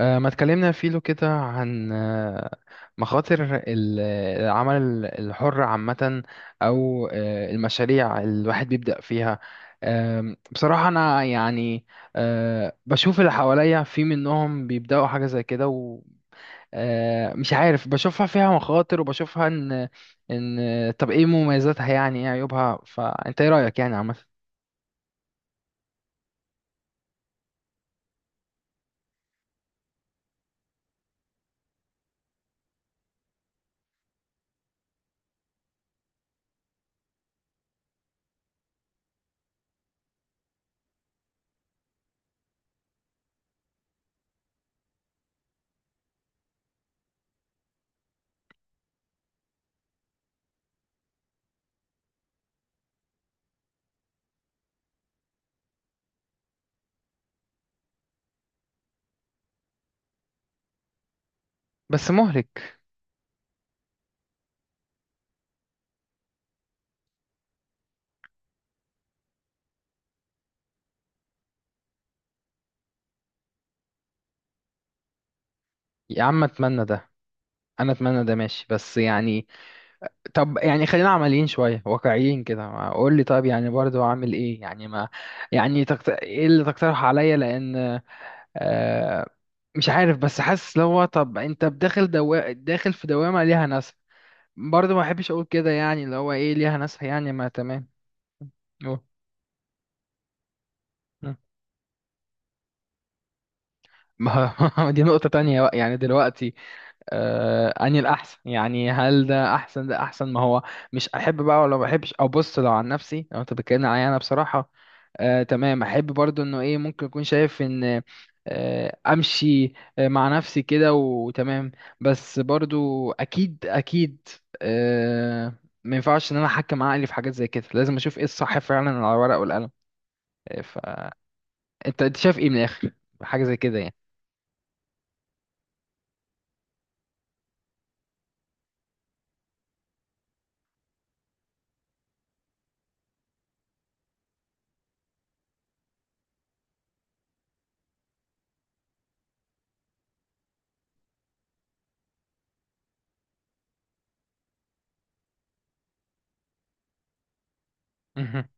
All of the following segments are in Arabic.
ما اتكلمنا فيلو كده عن مخاطر العمل الحر عامة، أو المشاريع الواحد بيبدأ فيها. بصراحة أنا يعني بشوف اللي حواليا في منهم بيبدأوا حاجة زي كده، ومش عارف بشوفها فيها مخاطر وبشوفها إن إن طب إيه مميزاتها، يعني إيه عيوبها، فأنت إيه رأيك يعني عامة؟ بس مهلك. يا عم أتمنى ده. أنا أتمنى ده ماشي، بس يعني طب يعني خلينا عمليين شوية، واقعيين كده، ما قول لي طيب، يعني برضو اعمل ايه يعني ما يعني ايه اللي تقترح عليا؟ لان آه مش عارف، بس حاسس اللي هو طب انت بداخل داخل في دوامة ليها ناس، برضو ما احبش اقول كده يعني اللي هو ايه ليها ناس، يعني ما تمام. أوه. ما ما دي نقطة تانية بقى يعني دلوقتي. اني الاحسن يعني هل ده احسن، ده احسن ما هو مش احب بقى ولا ما احبش. او بص، لو عن نفسي، لو انت بتكلمني عليا انا، بصراحه تمام، احب برضو انه ايه، ممكن اكون شايف ان امشي مع نفسي كده وتمام. بس برضو اكيد اكيد آه ما ينفعش ان انا احكم عقلي في حاجات زي كده، لازم اشوف ايه الصح فعلا على الورق والقلم. آه، فانت انت شايف ايه من الاخر؟ حاجه زي كده يعني. مهم.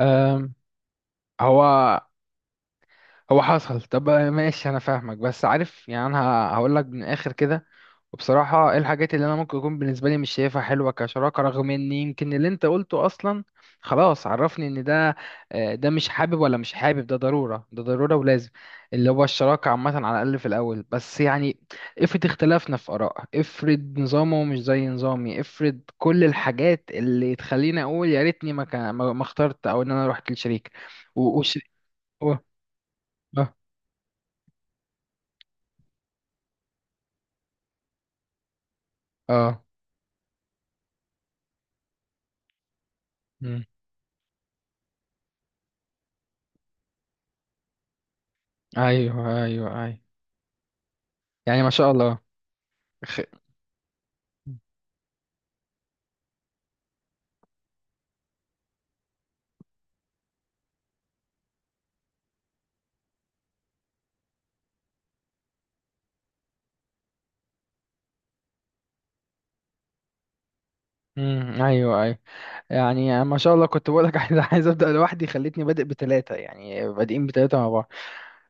آم، هو هو حصل. طب ماشي، انا فاهمك، بس عارف يعني انا هقول لك من الاخر كده. وبصراحه ايه الحاجات اللي انا ممكن اكون بالنسبه لي مش شايفها حلوه كشراكه، رغم ان يمكن اللي انت قلته اصلا خلاص عرفني ان ده ده مش حابب، ولا مش حابب. ده ضروره، ده ضروره ولازم، اللي هو الشراكه عامه على الاقل في الاول. بس يعني افرض اختلافنا في اراء، افرض نظامه مش زي نظامي، افرض كل الحاجات اللي تخليني اقول يا ريتني ما اخترت، او ان انا رحت للشريك. و... وش... و... اه. آه. مم. ايوه، ايوه، ايوه. يعني ما شاء الله. خ... مم. ايوه، ايوه. يعني ما شاء الله، كنت بقولك عايز، عايز ابدا لوحدي، خليتني بادئ بثلاثه، يعني بادئين بثلاثه مع بعض.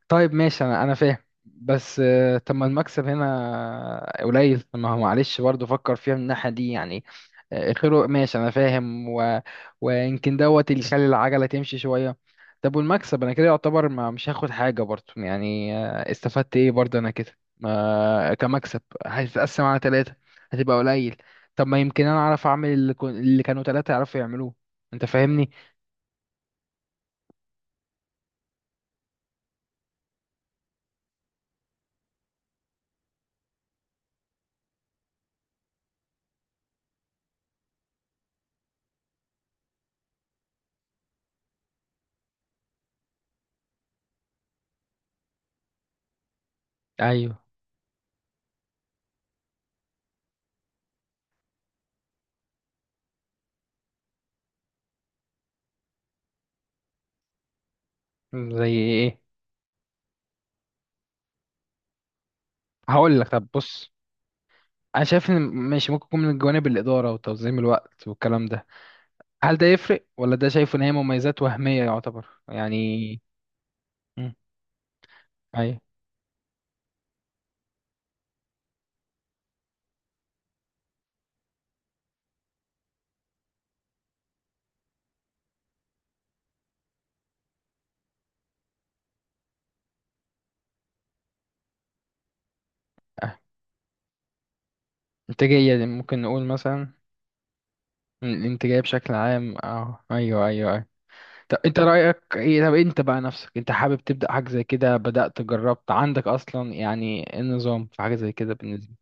طيب ماشي، انا فاهم. بس طب ما المكسب هنا قليل. طب ما هو معلش برضه، فكر فيها من الناحية دي يعني. خيره، ماشي انا فاهم. ويمكن دوت اللي يخلي العجلة تمشي شوية. طب والمكسب انا كده يعتبر ما مش هاخد حاجة برضه، يعني استفدت ايه برضه انا كده ما، كمكسب هتتقسم على ثلاثة هتبقى قليل. طب ما يمكن انا اعرف اعمل اللي كانوا ثلاثة يعرفوا يعملوه. انت فاهمني. ايوه. زي ايه؟ هقول لك، طب بص، انا شايف ان ماشي، ممكن يكون من جوانب الاداره وتنظيم الوقت والكلام ده. هل ده يفرق؟ ولا ده شايف ان هي مميزات وهميه يعتبر يعني؟ مم. ايوه. آه. انتاجيه دي ممكن نقول مثلا. الانتاجيه بشكل عام، اه ايوه، ايوه، ايوه. طب انت رايك ايه؟ طب انت بقى نفسك، انت حابب تبدا حاجه زي كده، بدات جربت عندك اصلا؟ يعني إيه النظام في حاجه زي كده بالنسبه لي؟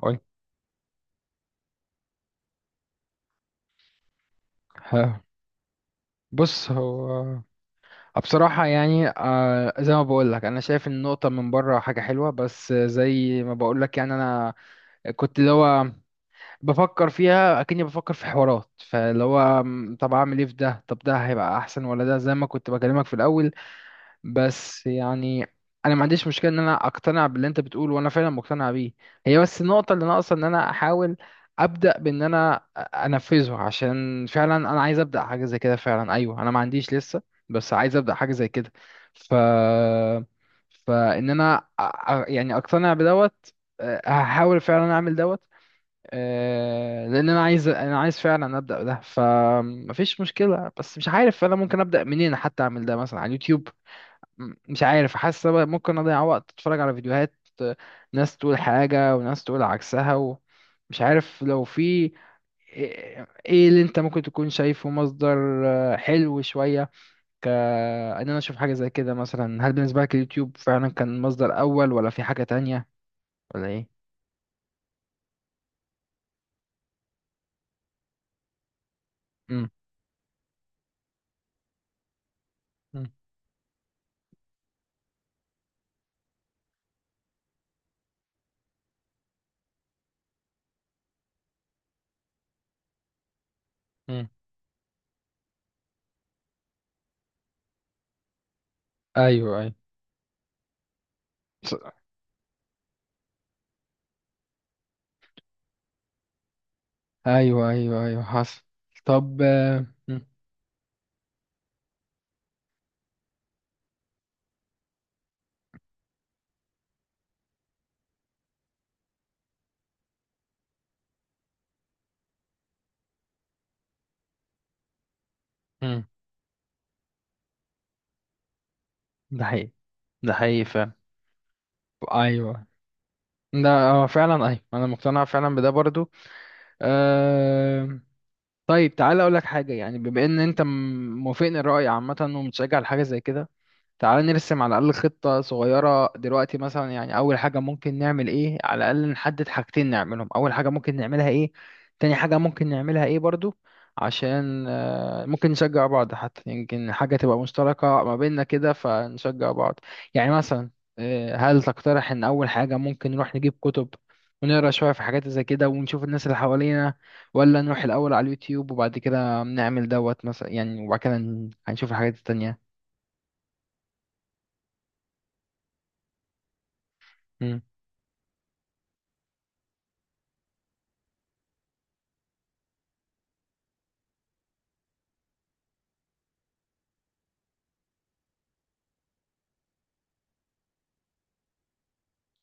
قول. ها. بص هو، بصراحة يعني زي ما بقول لك أنا شايف إن النقطة من بره حاجة حلوة، بس زي ما بقول لك يعني أنا كنت اللي هو بفكر فيها، أكني بفكر في حوارات، فاللي هو طب أعمل إيه في ده؟ طب ده هيبقى أحسن ولا ده زي ما كنت بكلمك في الأول؟ بس يعني انا ما عنديش مشكله ان انا اقتنع باللي انت بتقوله، وانا فعلا مقتنع بيه. هي بس النقطه اللي ناقصه ان انا احاول ابدا بان انا انفذه، عشان فعلا انا عايز ابدا حاجه زي كده فعلا، ايوه. انا ما عنديش لسه، بس عايز ابدا حاجه زي كده. ف فان انا يعني اقتنع بدوت. هحاول فعلا اعمل دوت. لان انا عايز فعلا ابدا ده، فمفيش مشكله. بس مش عارف انا ممكن ابدا منين حتى اعمل ده، مثلا على اليوتيوب. مش عارف، حاسة بقى ممكن أضيع وقت أتفرج على فيديوهات، آه، ناس تقول حاجة وناس تقول عكسها، ومش عارف لو في إيه اللي أنت ممكن تكون شايفه مصدر حلو شوية، كأن أنا أشوف حاجة زي كده مثلا. هل بالنسبة لك اليوتيوب فعلا كان مصدر أول، ولا في حاجة تانية، ولا إيه؟ م. مم. مم. ايوه، ايوه. ص- أيوه، أيوه، أيوه، حصل. طب م. مم. ده حقيقي، ده حقيقي فعلا. ايوه ده هو فعلا، ايوه انا مقتنع فعلا بده برضو. أه... طيب، تعالى اقول لك حاجه، يعني بما ان انت موافقني الراي عامه، ومتشجع لحاجه زي كده، تعال نرسم على الأقل خطة صغيرة دلوقتي مثلا. يعني أول حاجة ممكن نعمل إيه؟ على الأقل نحدد حاجتين نعملهم. أول حاجة ممكن نعملها إيه؟ تاني حاجة ممكن نعملها إيه برضو؟ عشان ممكن نشجع بعض، حتى يمكن حاجة تبقى مشتركة ما بيننا كده فنشجع بعض يعني. مثلا هل تقترح إن أول حاجة ممكن نروح نجيب كتب، ونقرا شوية في حاجات زي كده، ونشوف الناس اللي حوالينا؟ ولا نروح الأول على اليوتيوب، وبعد كده نعمل دوت مثلا يعني، وبعد كده هنشوف الحاجات التانية؟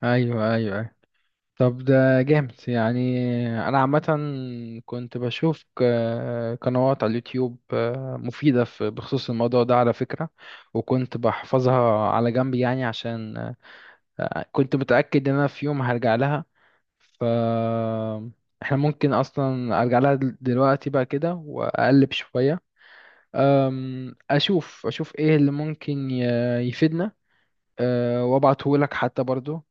ايوه، ايوه، أيوة. طب ده جامد يعني. انا عامه كنت بشوف قنوات على اليوتيوب مفيده في، بخصوص الموضوع ده على فكره. وكنت بحفظها على جنب يعني عشان كنت متاكد ان انا في يوم هرجع لها. ف احنا ممكن اصلا ارجع لها دلوقتي بقى كده، واقلب شويه، اشوف ايه اللي ممكن يفيدنا. وابعته لك حتى برضو،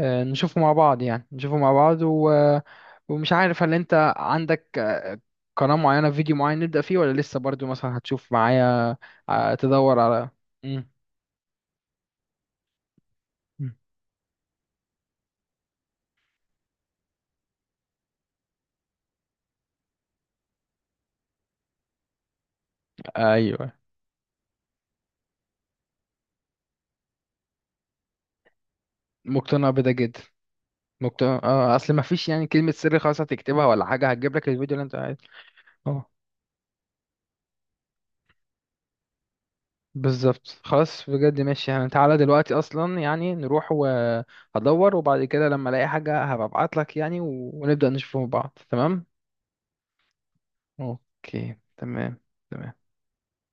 نشوفه مع بعض يعني، نشوفه مع بعض ومش عارف هل انت عندك قناة معينة، فيديو معين نبدأ فيه، ولا لسه برضو مثلا هتشوف معايا تدور على؟ مم. مم. ايوه. مقتنع بده جدا. مقتنع، اه، اصل ما فيش يعني كلمة سر خلاص هتكتبها ولا حاجة هتجيب لك الفيديو اللي انت عايزه. اه، بالظبط. خلاص بجد، ماشي يعني تعالى دلوقتي اصلا، يعني نروح وهدور، وبعد كده لما الاقي حاجة هبقى ابعت لك يعني، ونبدأ نشوفه مع بعض. تمام. اوكي، تمام. تمام.